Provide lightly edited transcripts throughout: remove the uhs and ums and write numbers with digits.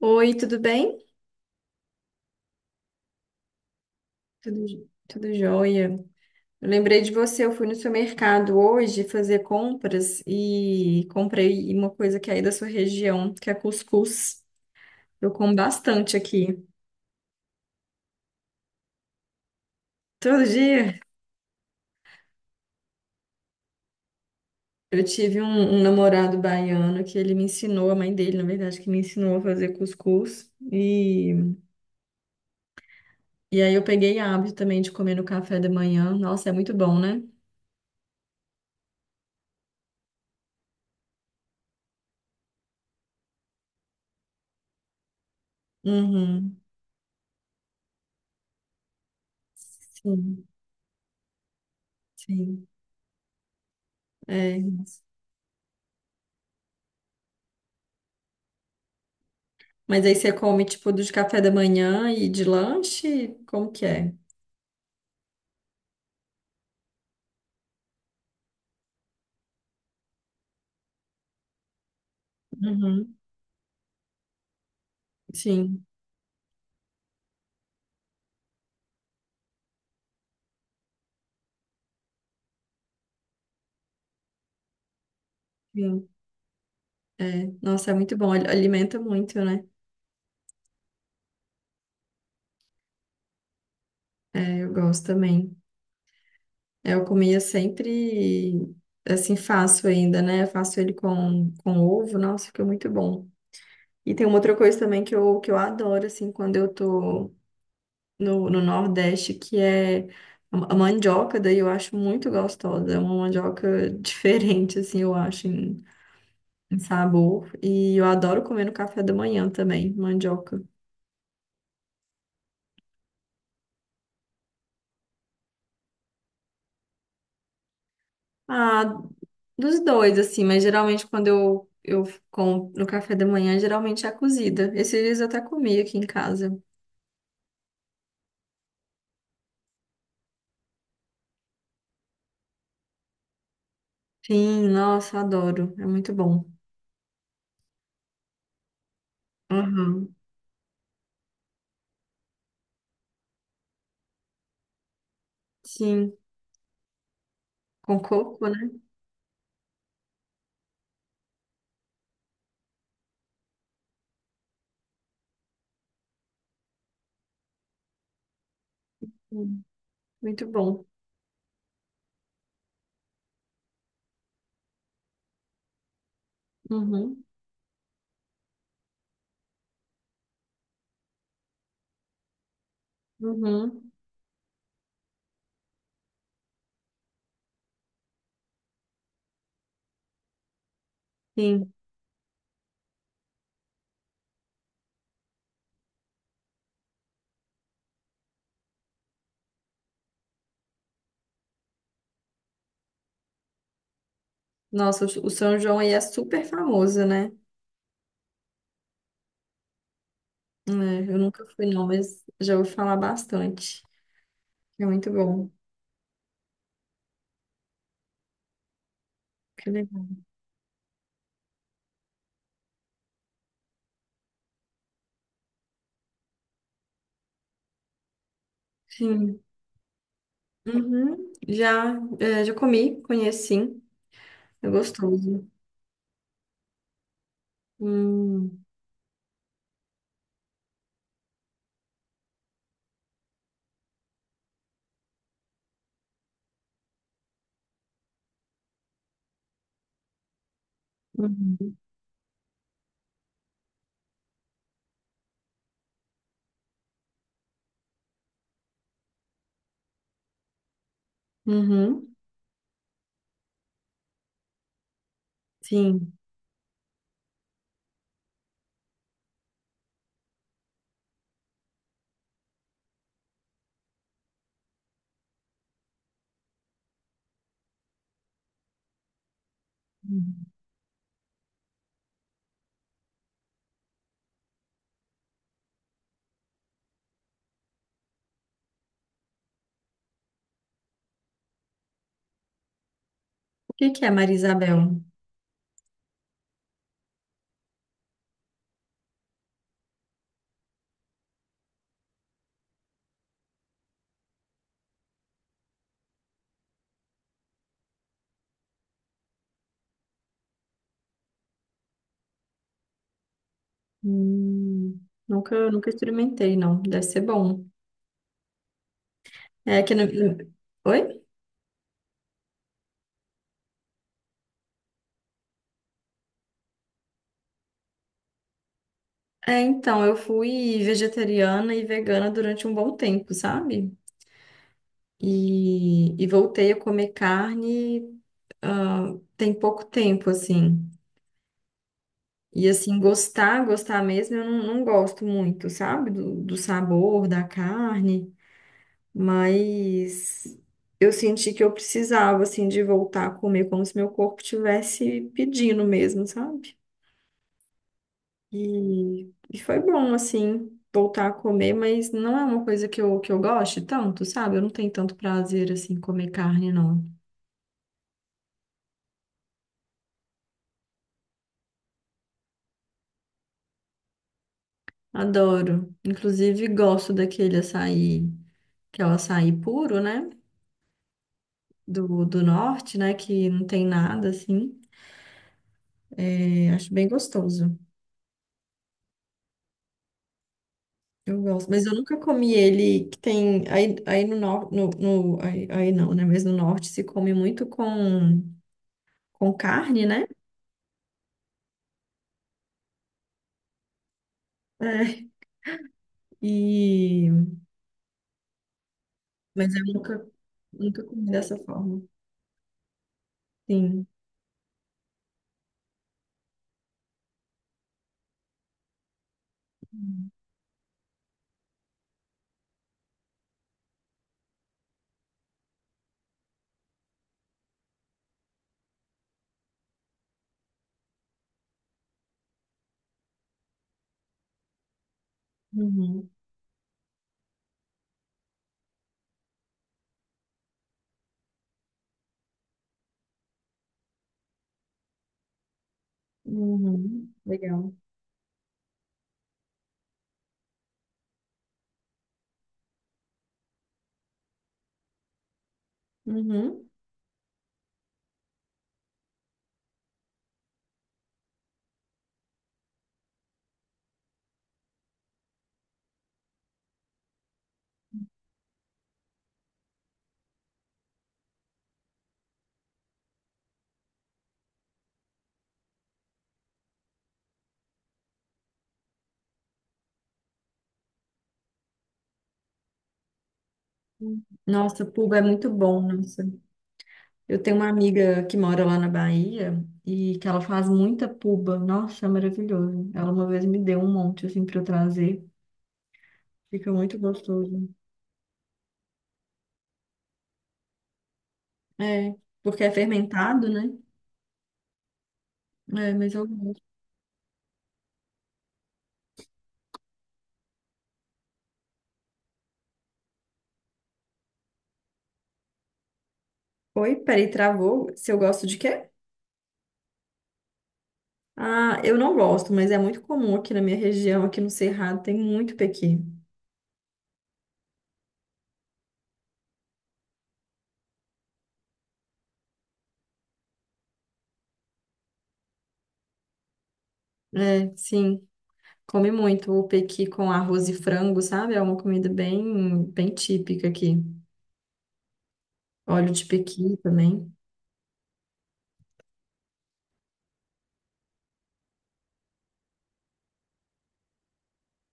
Oi, tudo bem? Tudo, tudo jóia. Eu lembrei de você, eu fui no seu mercado hoje fazer compras e comprei uma coisa que é aí da sua região, que é cuscuz. Eu como bastante aqui. Todo dia eu tive um namorado baiano que ele me ensinou, a mãe dele, na verdade, que me ensinou a fazer cuscuz. E aí eu peguei hábito também de comer no café da manhã. Nossa, é muito bom, né? Uhum. Sim, sim. É. Mas aí você come, tipo, do de café da manhã e de lanche? Como que é? Uhum. Sim, sim. Nossa, é muito bom. Alimenta muito, né? É, eu gosto também. É, eu comia sempre, assim, faço ainda, né? Faço ele com ovo. Nossa, fica muito bom. E tem uma outra coisa também que que eu adoro, assim, quando eu tô no Nordeste, que é a mandioca. Daí eu acho muito gostosa. É uma mandioca diferente, assim, eu acho. Um sabor. E eu adoro comer no café da manhã também, mandioca. Ah, dos dois, assim, mas geralmente quando eu como no café da manhã, geralmente é cozida. Esses dias eu até comi aqui em casa. Sim, nossa, adoro. É muito bom. Uhum. Sim, com coco, né? Sim. Muito bom. Uhum. Uhum. Sim. Nossa, o São João aí é super famoso, né? É, eu nunca fui, não, mas já ouvi falar bastante. É muito bom. Que legal. Sim. Uhum. Já, é, já comi, conheço sim. É gostoso. Hum. Uhum. Uhum. Sim. Uhum. O que que é Maria Isabel? Hum. Nunca experimentei, não. Deve ser bom. É que na... Oi? É, então, eu fui vegetariana e vegana durante um bom tempo, sabe? E voltei a comer carne, ah, tem pouco tempo, assim. E assim, gostar mesmo, eu não gosto muito, sabe? Do sabor, da carne, mas eu senti que eu precisava, assim, de voltar a comer como se meu corpo tivesse pedindo mesmo, sabe? E foi bom, assim, voltar a comer, mas não é uma coisa que que eu goste tanto, sabe? Eu não tenho tanto prazer, assim, em comer carne, não. Adoro. Inclusive, gosto daquele açaí, que é o açaí puro, né? Do norte, né? Que não tem nada assim. É, acho bem gostoso. Eu gosto. Mas eu nunca comi ele que tem. Aí, aí no norte. No, aí, aí não, né? Mas no norte se come muito com carne, né? É, e, mas eu nunca comi dessa forma. Sim. Uhum, uhum, legal. Uhum. Uhum. Nossa, pulga é muito bom, nossa. Eu tenho uma amiga que mora lá na Bahia e que ela faz muita puba. Nossa, é maravilhoso. Ela uma vez me deu um monte assim para eu trazer. Fica muito gostoso. É, porque é fermentado, né? É, mas eu gosto. Oi, peraí, travou. Se eu gosto de quê? Ah, eu não gosto, mas é muito comum aqui na minha região, aqui no Cerrado, tem muito pequi. É, sim. Come muito o pequi com arroz e frango, sabe? É uma comida bem, bem típica aqui. Óleo de pequi também.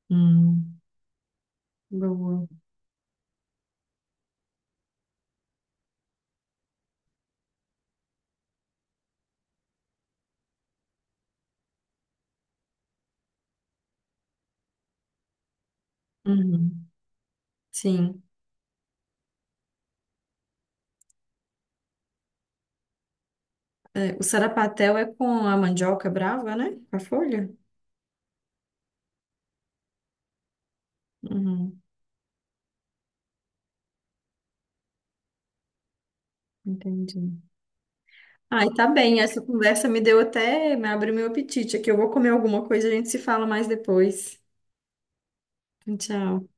Hum, boa. Uhum. Sim. É, o sarapatel é com a mandioca brava, né? Com a folha? Uhum. Entendi. Ai, tá bem. Essa conversa me deu até, me abriu meu apetite aqui. Eu vou comer alguma coisa, a gente se fala mais depois. Tchau.